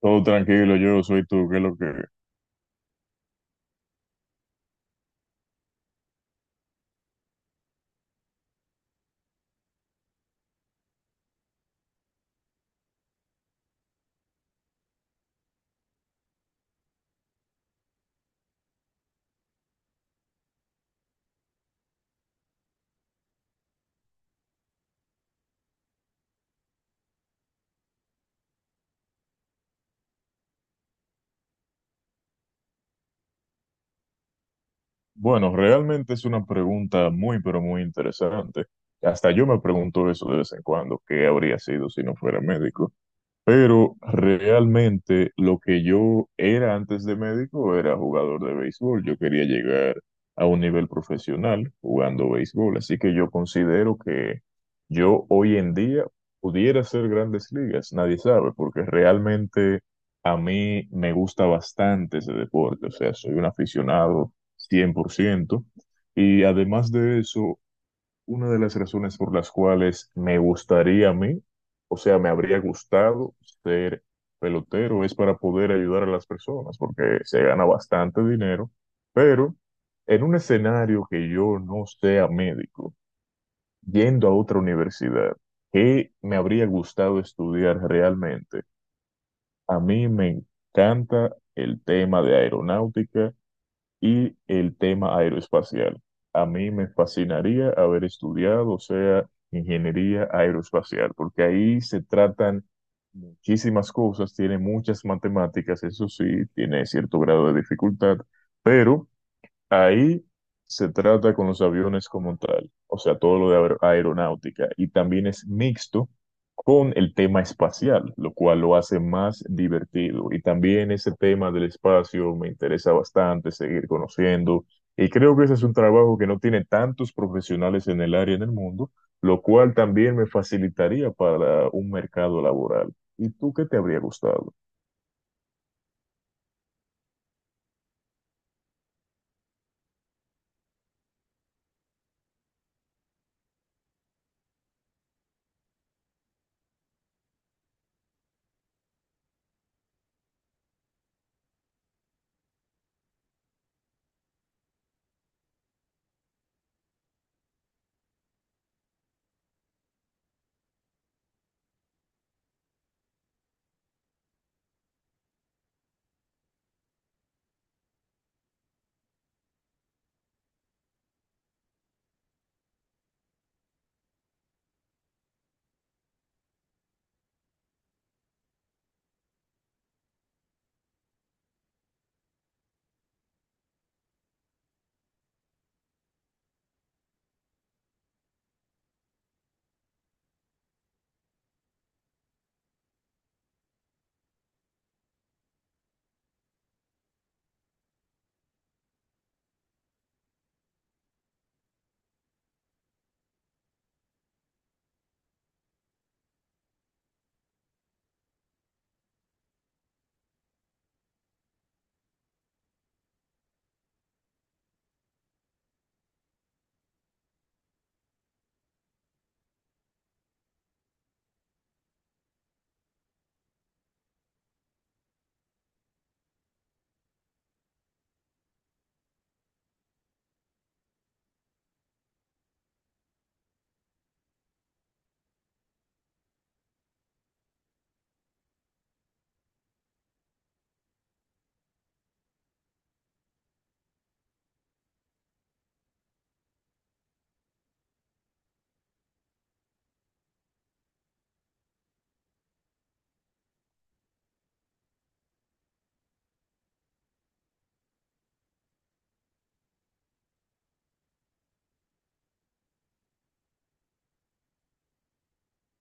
Todo tranquilo, yo soy tú, ¿qué es lo que? Bueno, realmente es una pregunta muy, pero muy interesante. Hasta yo me pregunto eso de vez en cuando, ¿qué habría sido si no fuera médico? Pero realmente lo que yo era antes de médico era jugador de béisbol. Yo quería llegar a un nivel profesional jugando béisbol. Así que yo considero que yo hoy en día pudiera hacer grandes ligas. Nadie sabe, porque realmente a mí me gusta bastante ese deporte. O sea, soy un aficionado 100%. Y además de eso, una de las razones por las cuales me gustaría a mí, o sea, me habría gustado ser pelotero, es para poder ayudar a las personas, porque se gana bastante dinero, pero en un escenario que yo no sea médico, yendo a otra universidad, ¿que me habría gustado estudiar realmente? A mí me encanta el tema de aeronáutica y el tema aeroespacial. A mí me fascinaría haber estudiado, o sea, ingeniería aeroespacial, porque ahí se tratan muchísimas cosas, tiene muchas matemáticas, eso sí, tiene cierto grado de dificultad, pero ahí se trata con los aviones como tal, o sea, todo lo de aeronáutica, y también es mixto con el tema espacial, lo cual lo hace más divertido. Y también ese tema del espacio me interesa bastante seguir conociendo, y creo que ese es un trabajo que no tiene tantos profesionales en el área en el mundo, lo cual también me facilitaría para un mercado laboral. ¿Y tú qué te habría gustado?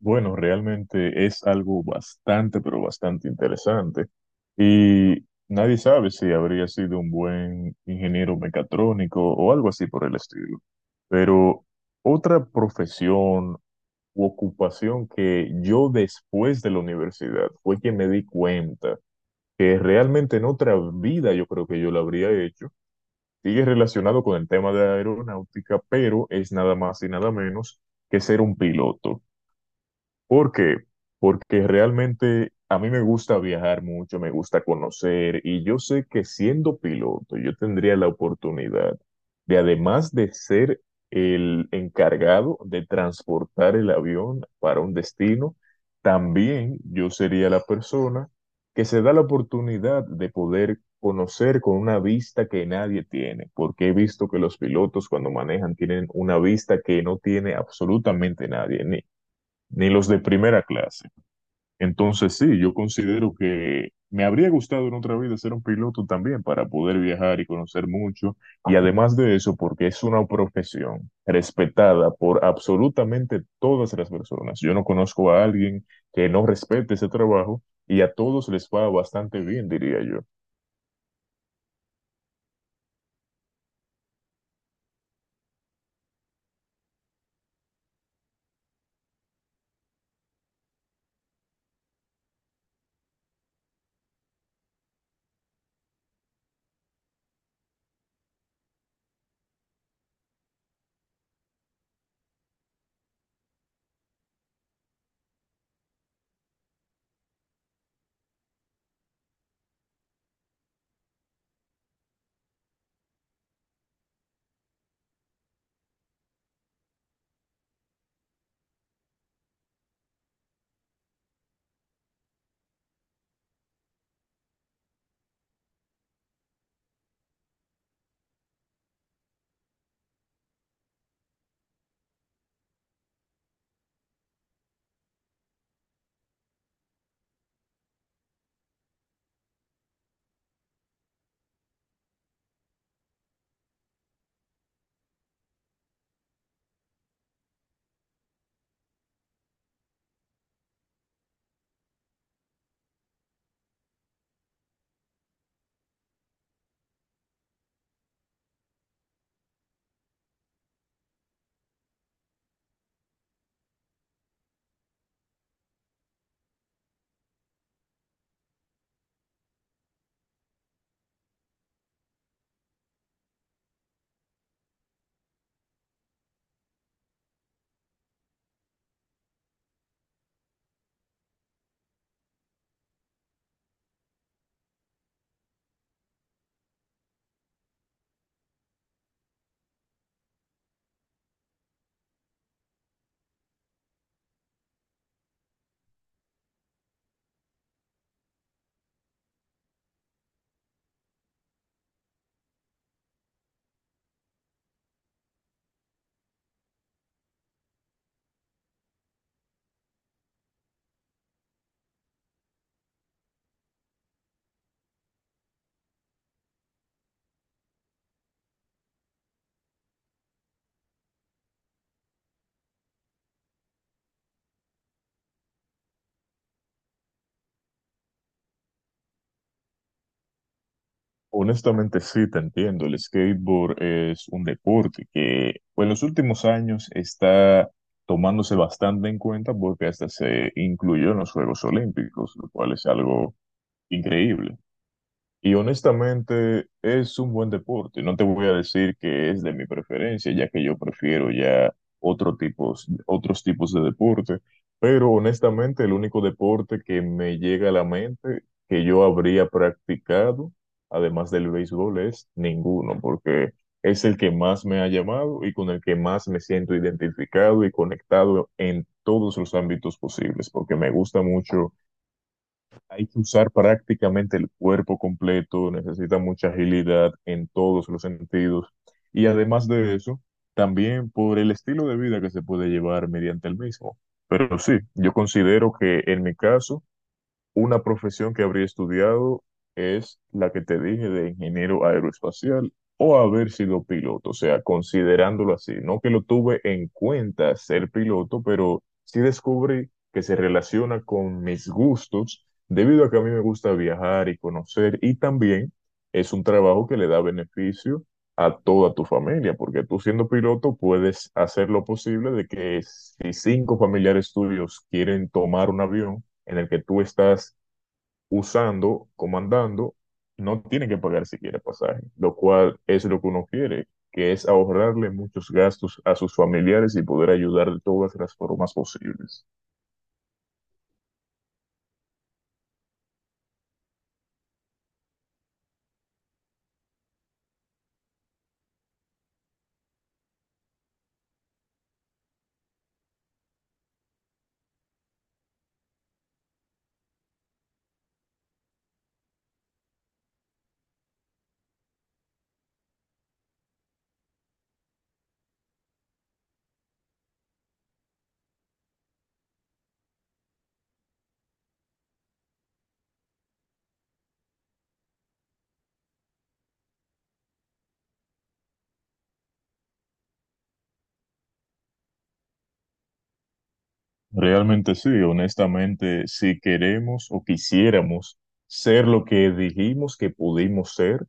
Bueno, realmente es algo bastante, pero bastante interesante. Y nadie sabe si habría sido un buen ingeniero mecatrónico o algo así por el estilo. Pero otra profesión u ocupación que yo después de la universidad fue que me di cuenta que realmente en otra vida yo creo que yo la habría hecho, sigue relacionado con el tema de aeronáutica, pero es nada más y nada menos que ser un piloto. ¿Por qué? Porque realmente a mí me gusta viajar mucho, me gusta conocer y yo sé que siendo piloto yo tendría la oportunidad de, además de ser el encargado de transportar el avión para un destino, también yo sería la persona que se da la oportunidad de poder conocer con una vista que nadie tiene, porque he visto que los pilotos cuando manejan tienen una vista que no tiene absolutamente nadie, ni los de primera clase. Entonces sí, yo considero que me habría gustado en otra vida ser un piloto también para poder viajar y conocer mucho. Y además de eso, porque es una profesión respetada por absolutamente todas las personas. Yo no conozco a alguien que no respete ese trabajo y a todos les va bastante bien, diría yo. Honestamente sí, te entiendo. El skateboard es un deporte que en los últimos años está tomándose bastante en cuenta porque hasta se incluyó en los Juegos Olímpicos, lo cual es algo increíble. Y honestamente es un buen deporte. No te voy a decir que es de mi preferencia, ya que yo prefiero ya otros tipos de deporte. Pero honestamente el único deporte que me llega a la mente que yo habría practicado, además del béisbol, es ninguno, porque es el que más me ha llamado y con el que más me siento identificado y conectado en todos los ámbitos posibles, porque me gusta mucho, hay que usar prácticamente el cuerpo completo, necesita mucha agilidad en todos los sentidos. Y además de eso, también por el estilo de vida que se puede llevar mediante el mismo. Pero sí, yo considero que en mi caso una profesión que habría estudiado es la que te dije de ingeniero aeroespacial o haber sido piloto, o sea, considerándolo así. No que lo tuve en cuenta ser piloto, pero sí descubrí que se relaciona con mis gustos debido a que a mí me gusta viajar y conocer y también es un trabajo que le da beneficio a toda tu familia, porque tú siendo piloto puedes hacer lo posible de que si cinco familiares tuyos quieren tomar un avión, en el que tú estás usando, comandando, no tiene que pagar siquiera pasaje, lo cual es lo que uno quiere, que es ahorrarle muchos gastos a sus familiares y poder ayudar de todas las formas posibles. Realmente sí, honestamente, si queremos o quisiéramos ser lo que dijimos que pudimos ser,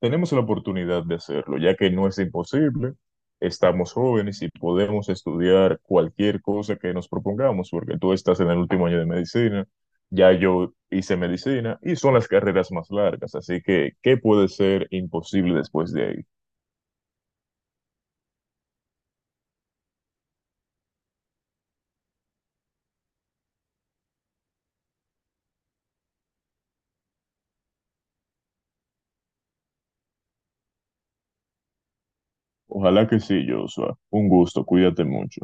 tenemos la oportunidad de hacerlo, ya que no es imposible. Estamos jóvenes y podemos estudiar cualquier cosa que nos propongamos, porque tú estás en el último año de medicina, ya yo hice medicina y son las carreras más largas, así que, ¿qué puede ser imposible después de ahí? Ojalá que sí, Joshua. Un gusto, cuídate mucho.